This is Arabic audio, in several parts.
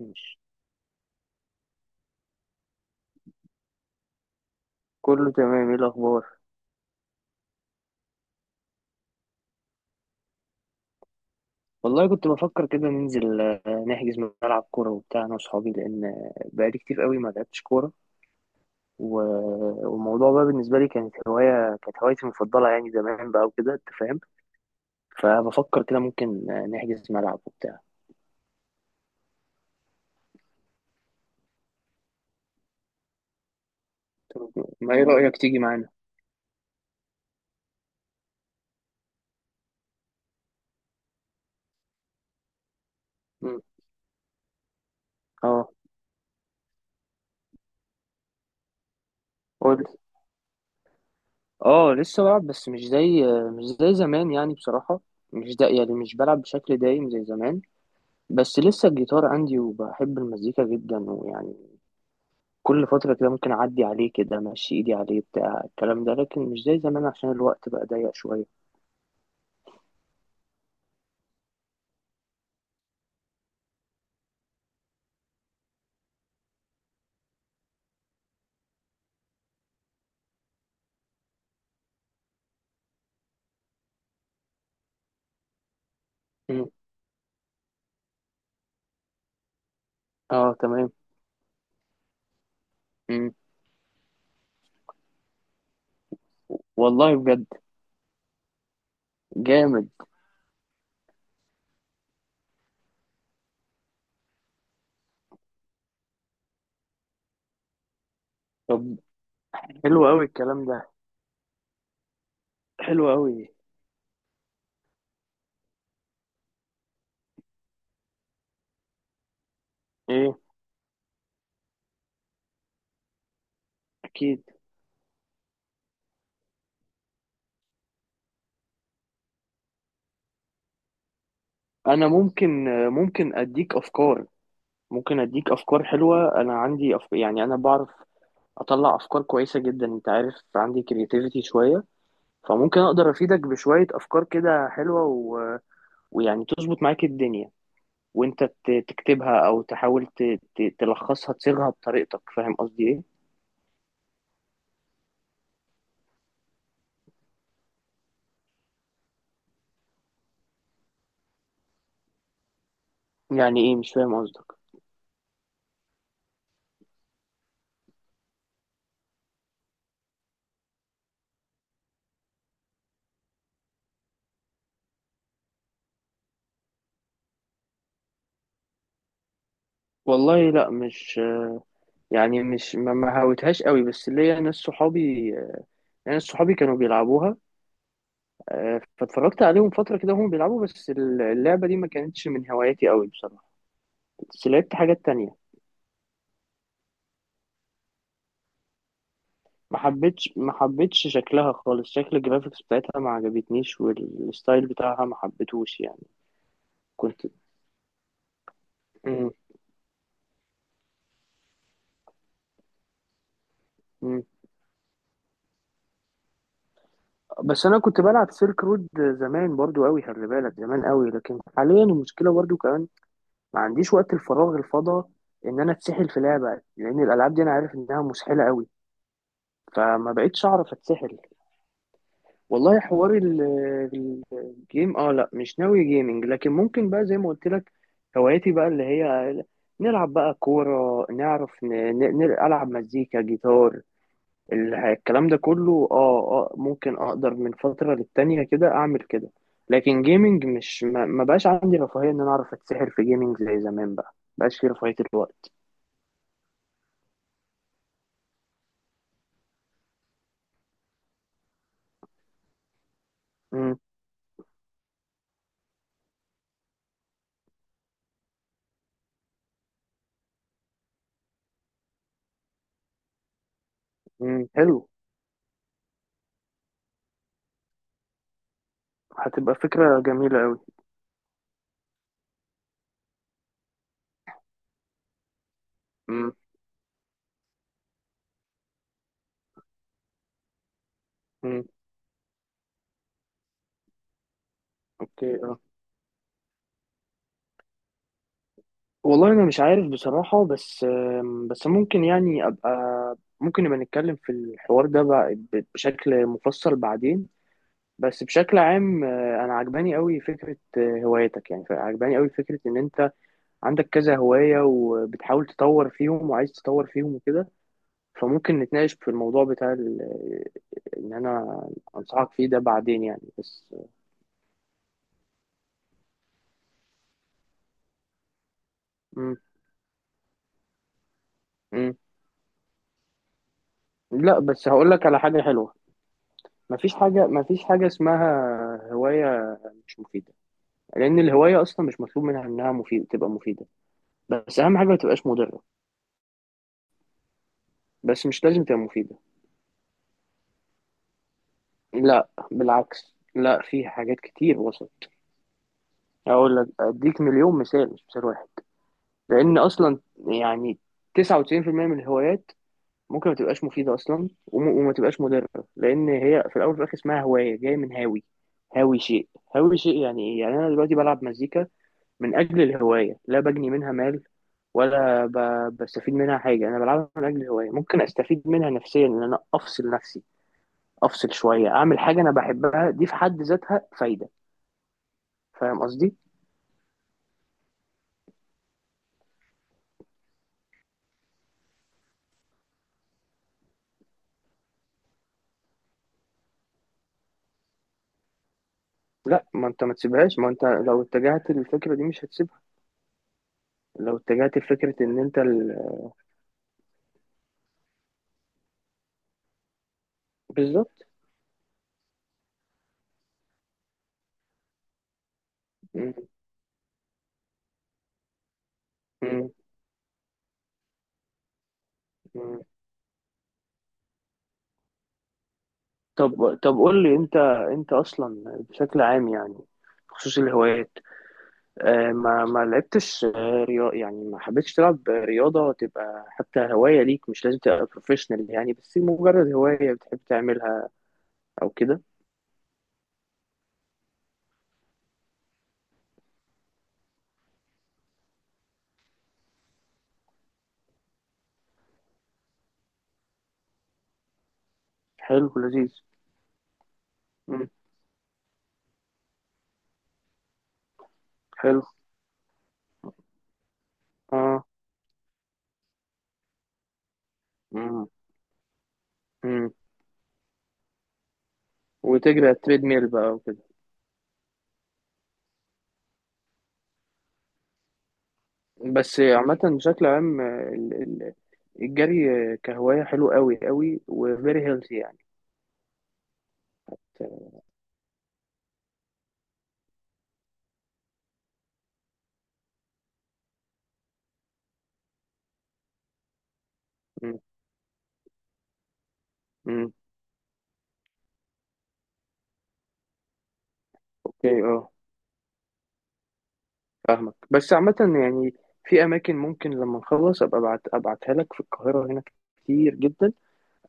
ماشي. كله تمام. ايه الاخبار؟ والله كنت بفكر كده ننزل، نحجز ملعب كوره وبتاع انا واصحابي لان بقالي كتير قوي ما لعبتش كوره. والموضوع بقى بالنسبه لي كانت هوايه، كانت هوايتي المفضله يعني زمان بقى وكده انت فاهم. فبفكر كده ممكن نحجز ملعب وبتاع. طب ما ايه رايك تيجي معانا؟ مم. اه، قول. اه لسه بلعب بس مش زي زمان يعني بصراحه. مش ده، يعني مش بلعب بشكل دايم زي زمان، بس لسه الجيتار عندي وبحب المزيكا جدا. ويعني كل فترة كده ممكن أعدي عليه كده، أمشي إيدي عليه بتاع الكلام ده، لكن مش زي زمان عشان الوقت بقى ضيق شوية. مم. آه تمام. مم. والله بجد جامد. طب. حلو أوي الكلام ده، حلو أوي. إيه أكيد. أنا ممكن أديك أفكار، ممكن أديك أفكار حلوة. أنا عندي يعني أنا بعرف أطلع أفكار كويسة جدا، أنت عارف عندي كرياتيفيتي شوية. فممكن أقدر أفيدك بشوية أفكار كده حلوة ويعني تظبط معاك الدنيا، وانت تكتبها او تحاول تلخصها تصيغها بطريقتك، فاهم قصدي ايه؟ يعني ايه، مش فاهم قصدك. والله لا مش، يعني مش ما هاوتهاش قوي، بس ليا ناس صحابي، ناس صحابي كانوا بيلعبوها. فاتفرجت عليهم فترة كده وهم بيلعبوا، بس اللعبة دي ما كانتش من هواياتي قوي بصراحة، بس لعبت حاجات تانية. ما حبيتش شكلها خالص، شكل الجرافيكس بتاعتها ما عجبتنيش والستايل بتاعها ما حبيتهوش يعني. كنت. مم. بس انا كنت بلعب سيلك رود زمان برضو قوي، خلي بالك زمان قوي، لكن حاليا المشكله برضو كمان ما عنديش وقت الفراغ الفضا ان انا اتسحل في لعبه، لان الالعاب دي انا عارف انها مسحله قوي، فما بقتش اعرف اتسحل. والله حوار الجيم، اه لا مش ناوي جيمنج، لكن ممكن بقى زي ما قلت لك هواياتي بقى اللي هي نلعب بقى كوره، نعرف نلعب مزيكا جيتار، الكلام ده كله. اه اه ممكن اقدر من فترة للتانية كده اعمل كده، لكن جيمنج مش ما بقاش عندي رفاهية ان انا اعرف اتسحر في جيمنج زي زمان بقى، ما بقاش في رفاهية الوقت. امم حلو. هتبقى فكرة جميلة قوي. امم امم. اوكي اه. والله انا مش عارف بصراحة، بس بس ممكن يعني ابقى، ممكن نبقى نتكلم في الحوار ده بقى بشكل مفصل بعدين. بس بشكل عام انا عجباني قوي فكرة هوايتك، يعني عجباني قوي فكرة ان انت عندك كذا هواية وبتحاول تطور فيهم وعايز تطور فيهم وكده. فممكن نتناقش في الموضوع بتاع ان انا انصحك فيه ده بعدين يعني بس. مم. مم. لا، بس هقول لك على حاجة حلوة. مفيش حاجة، مفيش حاجة اسمها هواية مش مفيدة، لأن الهواية أصلا مش مطلوب منها إنها مفيدة تبقى مفيدة، بس أهم حاجة ما تبقاش مضرة. بس مش لازم تبقى مفيدة. لا بالعكس، لا في حاجات كتير وصل. أقول لك أديك مليون مثال مش مثال واحد، لان اصلا يعني 99% من الهوايات ممكن ما تبقاش مفيده اصلا وما تبقاش مضره، لان هي في الاول وفي الاخر اسمها هوايه جايه من هاوي، هاوي شيء. هاوي شيء يعني ايه؟ يعني انا دلوقتي بلعب مزيكا من اجل الهوايه، لا بجني منها مال ولا ب... بستفيد منها حاجه، انا بلعبها من اجل الهوايه. ممكن استفيد منها نفسيا ان انا افصل نفسي، افصل شويه، اعمل حاجه انا بحبها، دي في حد ذاتها فايده. فاهم قصدي؟ لا، ما انت ما تسيبهاش، ما انت لو اتجهت للفكره دي مش هتسيبها. لو اتجهت لفكرة إن أنت بالظبط. مم. مم. مم. طب، قول لي أنت، أنت أصلا بشكل عام يعني بخصوص الهوايات، آه ما لعبتش رياضة؟ يعني ما حبيتش تلعب رياضة تبقى حتى هواية ليك؟ مش لازم تبقى بروفيشنال، يعني بس مجرد هواية بتحب تعملها أو كده. حلو لذيذ. مم. حلو. آه. مم. مم. وتجري على التريد ميل بقى. بس عامة بشكل عام، الجري كهواية حلو قوي قوي، وفيري هيلثي يعني. مم. مم. اوكي اه، فاهمك. بس عامة يعني في أماكن، ممكن لما نخلص أبقى أبعت، أبعتها لك في القاهرة هنا كتير جدا.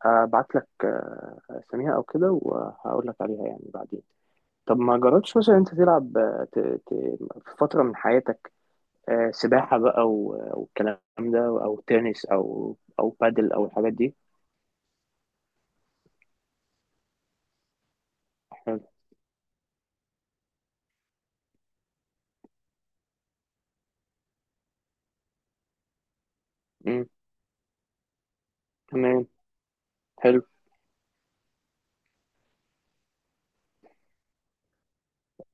أبعت لك أساميها أو كده، وهقول لك عليها يعني بعدين. طب ما جربتش مثلا أنت تلعب في فترة من حياتك سباحة بقى والكلام ده، أو تنس أو أو بادل أو الحاجات دي؟ حلو. تمام. حلو.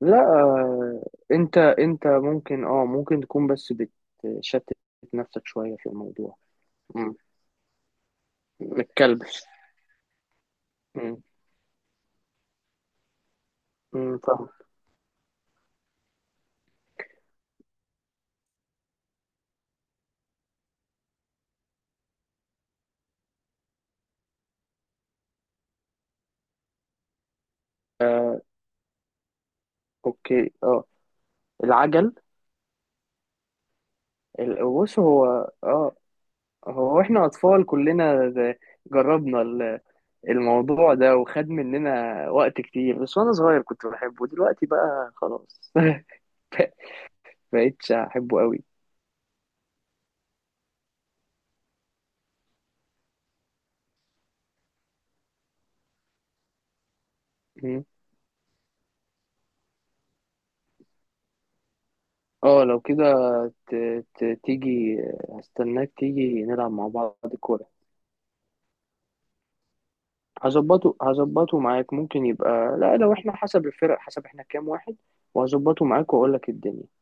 لا، انت انت ممكن اه ممكن تكون بس بتشتت نفسك شوية في الموضوع. مم. متكلبش. مم. مم، فاهم. اوكي اه، العجل. بص هو، اه هو، احنا اطفال كلنا جربنا الموضوع ده، وخد مننا وقت كتير، بس وانا صغير كنت بحبه، دلوقتي بقى خلاص بقيتش احبه. قوي. اه لو كده ت... تيجي، هستناك تيجي نلعب مع بعض. كورة. هظبطه معاك، ممكن يبقى، لا لو احنا حسب الفرق، حسب احنا كام واحد، وهظبطه معاك واقول لك الدنيا.